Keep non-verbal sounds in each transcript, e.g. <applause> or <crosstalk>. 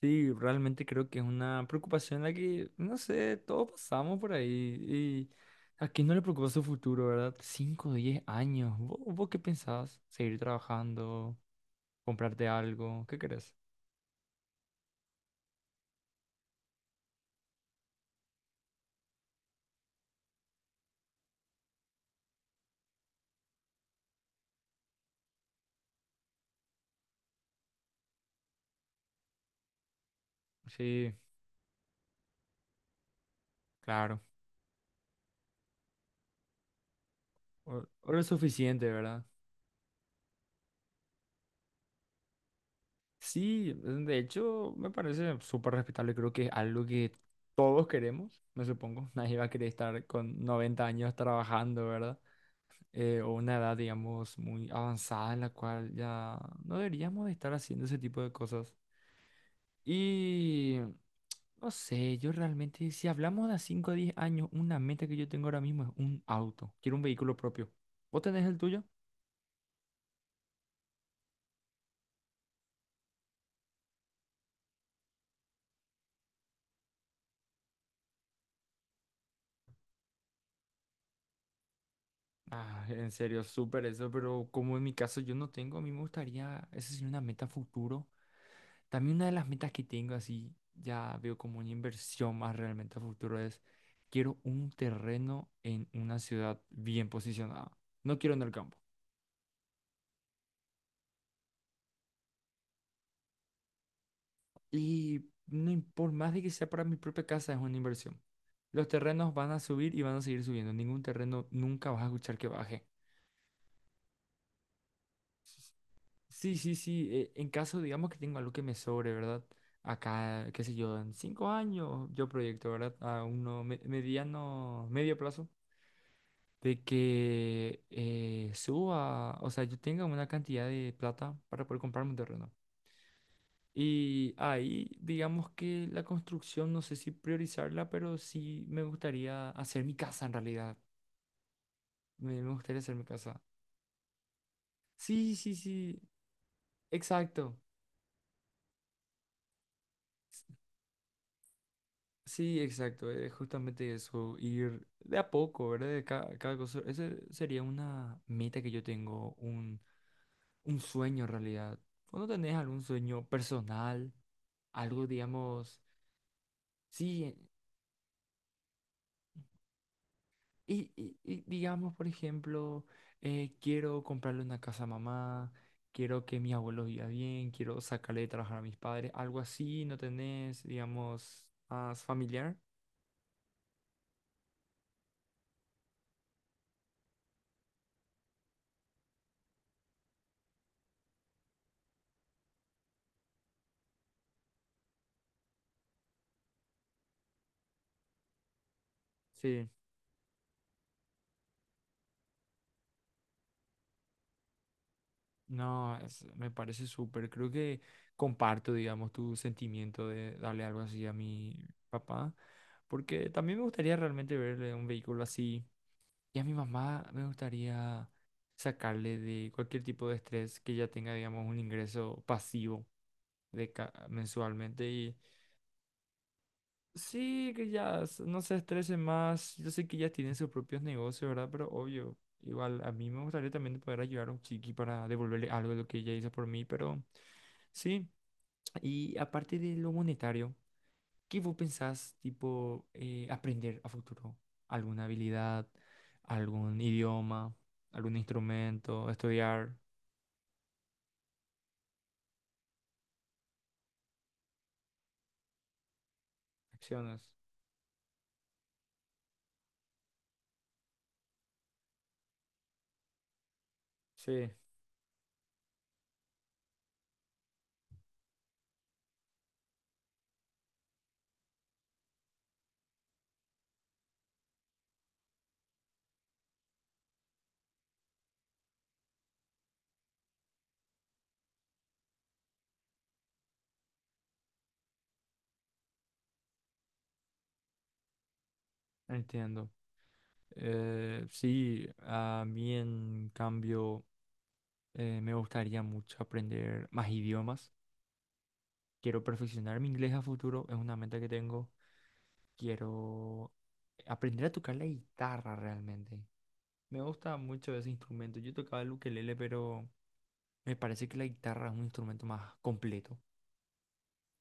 Sí, realmente creo que es una preocupación la que, no sé, todos pasamos por ahí. Y a quién no le preocupa su futuro, ¿verdad? 5 10 años. ¿Vos qué pensás? ¿Seguir trabajando? ¿Comprarte algo? ¿Qué querés? Sí, claro. O lo suficiente, ¿verdad? Sí, de hecho, me parece súper respetable. Creo que es algo que todos queremos, me supongo. <laughs> Nadie va a querer estar con 90 años trabajando, ¿verdad? O una edad, digamos, muy avanzada en la cual ya no deberíamos de estar haciendo ese tipo de cosas. Y no sé, yo realmente, si hablamos de 5 a 10 años, una meta que yo tengo ahora mismo es un auto. Quiero un vehículo propio. ¿Vos tenés el tuyo? Ah, en serio, súper eso, pero como en mi caso yo no tengo, a mí me gustaría, esa sería una meta futuro. También una de las metas que tengo, así ya veo como una inversión más realmente a futuro, es quiero un terreno en una ciudad bien posicionada. No quiero en el campo. Y no, por más de que sea para mi propia casa, es una inversión. Los terrenos van a subir y van a seguir subiendo. Ningún terreno nunca vas a escuchar que baje. Sí, sí, sí. En caso, digamos que tengo algo que me sobre, ¿verdad? Acá, qué sé yo, en 5 años yo proyecto, ¿verdad? A uno medio plazo. De que suba, o sea, yo tenga una cantidad de plata para poder comprarme un terreno. Y ahí, digamos que la construcción, no sé si priorizarla, pero sí me gustaría hacer mi casa en realidad. Me gustaría hacer mi casa. Sí, sí, sí, exacto. Sí, exacto, es justamente eso, ir de a poco, ¿verdad? De cada, cosa. Esa sería una meta que yo tengo, un sueño en realidad. ¿Vos no tenés algún sueño personal? Algo, digamos, sí, y digamos, por ejemplo, quiero comprarle una casa a mamá, quiero que mi abuelo viva bien, quiero sacarle de trabajar a mis padres, algo así, ¿no tenés, digamos, más familiar? Sí, no, es- me parece súper. Creo que comparto, digamos, tu sentimiento de darle algo así a mi papá, porque también me gustaría realmente verle un vehículo así. Y a mi mamá me gustaría sacarle de cualquier tipo de estrés que ella tenga, digamos, un ingreso pasivo de mensualmente. Y sí, que ya no se estrese más. Yo sé que ya tienen sus propios negocios, ¿verdad? Pero obvio, igual a mí me gustaría también poder ayudar a un chiqui para devolverle algo de lo que ella hizo por mí. Pero sí, y aparte de lo monetario. ¿Qué vos pensás, tipo, aprender a futuro? ¿Alguna habilidad, algún idioma, algún instrumento, estudiar? Acciones. Sí, entiendo. Sí, a mí en cambio me gustaría mucho aprender más idiomas. Quiero perfeccionar mi inglés a futuro, es una meta que tengo. Quiero aprender a tocar la guitarra realmente. Me gusta mucho ese instrumento. Yo tocaba el ukelele, pero me parece que la guitarra es un instrumento más completo,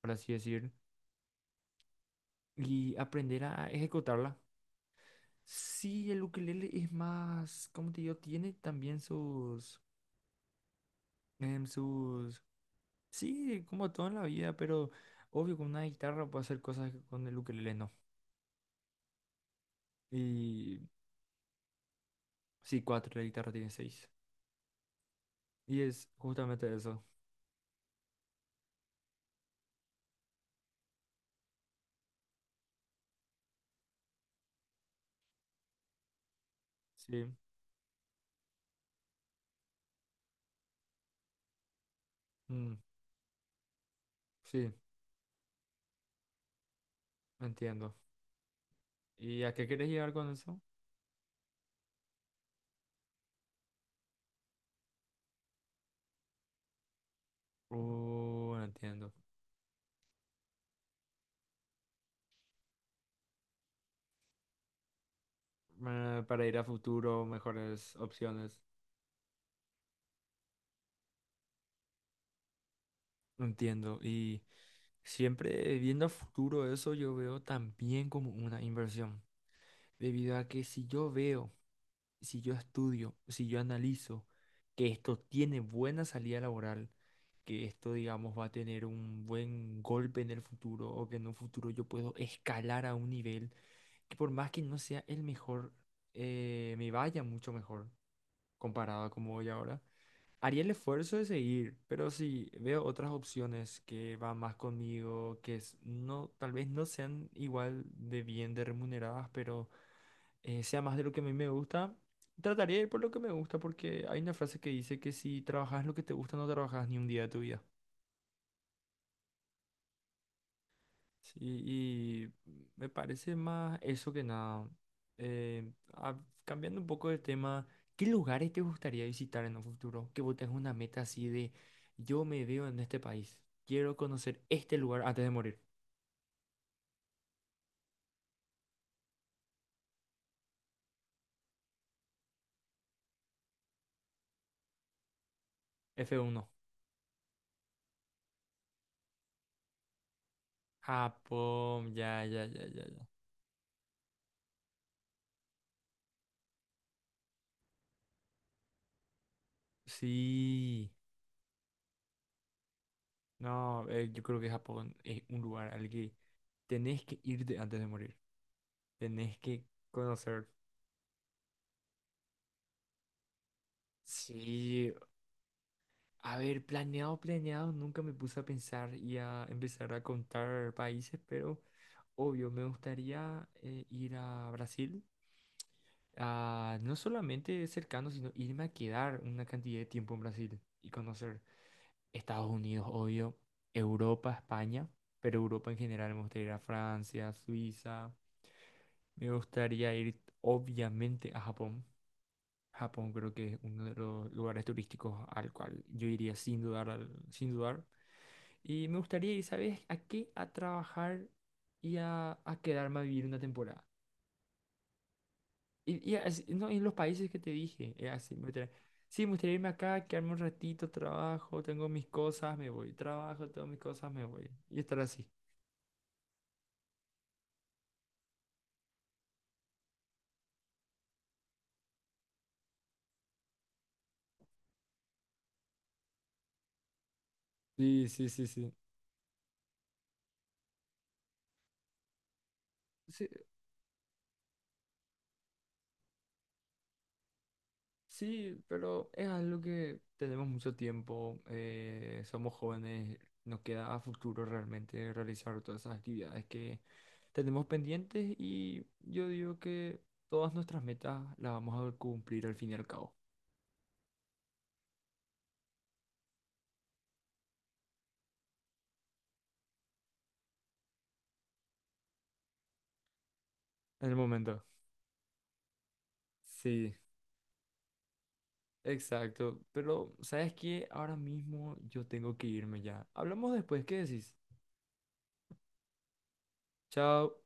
por así decir, y aprender a ejecutarla. Sí, el ukelele es más, como te digo, tiene también sus, sí, como todo en la vida, pero obvio con una guitarra puedo hacer cosas que con el ukelele no. Y sí, cuatro, la guitarra tiene seis. Y es justamente eso. Sí, mm, sí, entiendo. ¿Y a qué quieres llegar con eso? Oh, entiendo. Para ir a futuro, mejores opciones. Entiendo. Y siempre viendo a futuro eso, yo veo también como una inversión. Debido a que si yo veo, si yo estudio, si yo analizo que esto tiene buena salida laboral, que esto, digamos, va a tener un buen golpe en el futuro o que en un futuro yo puedo escalar a un nivel que por más que no sea el mejor, me vaya mucho mejor comparado a como voy ahora. Haría el esfuerzo de seguir, pero si veo otras opciones que van más conmigo, que es- no, tal vez no sean igual de bien de remuneradas, pero sea más de lo que a mí me gusta, trataría de ir por lo que me gusta, porque hay una frase que dice que si trabajas lo que te gusta, no trabajas ni un día de tu vida. Sí, y me parece más eso que nada. Eh, ah, cambiando un poco de tema, ¿qué lugares te gustaría visitar en un futuro? Que vos tengas una meta así de yo me veo en este país, quiero conocer este lugar antes de morir. ¿F1? Japón, ya, ya, ya, ya, ya. Sí, no, yo creo que Japón es un lugar al que tenés que irte antes de morir. Tenés que conocer. Sí, a ver, planeado, planeado, nunca me puse a pensar y a empezar a contar países, pero obvio, me gustaría ir a Brasil, a, no solamente cercano, sino irme a quedar una cantidad de tiempo en Brasil y conocer Estados Unidos, obvio, Europa, España, pero Europa en general, me gustaría ir a Francia, Suiza, me gustaría ir obviamente a Japón. Japón creo que es uno de los lugares turísticos al cual yo iría sin dudar, sin dudar. Y me gustaría ir, ¿sabes? ¿A qué? A trabajar y a quedarme a vivir una temporada. Y así- no, en los países que te dije, así, sí, me gustaría irme acá, quedarme un ratito, trabajo, tengo mis cosas, me voy, trabajo, tengo mis cosas, me voy. Y estar así. Sí, sí, sí, sí. Sí, sí, pero es algo que tenemos mucho tiempo, somos jóvenes, nos queda a futuro realmente realizar todas esas actividades que tenemos pendientes y yo digo que todas nuestras metas las vamos a cumplir al fin y al cabo. En el momento. Sí, exacto. Pero, ¿sabes qué? Ahora mismo yo tengo que irme ya. Hablamos después, ¿qué decís? Chao.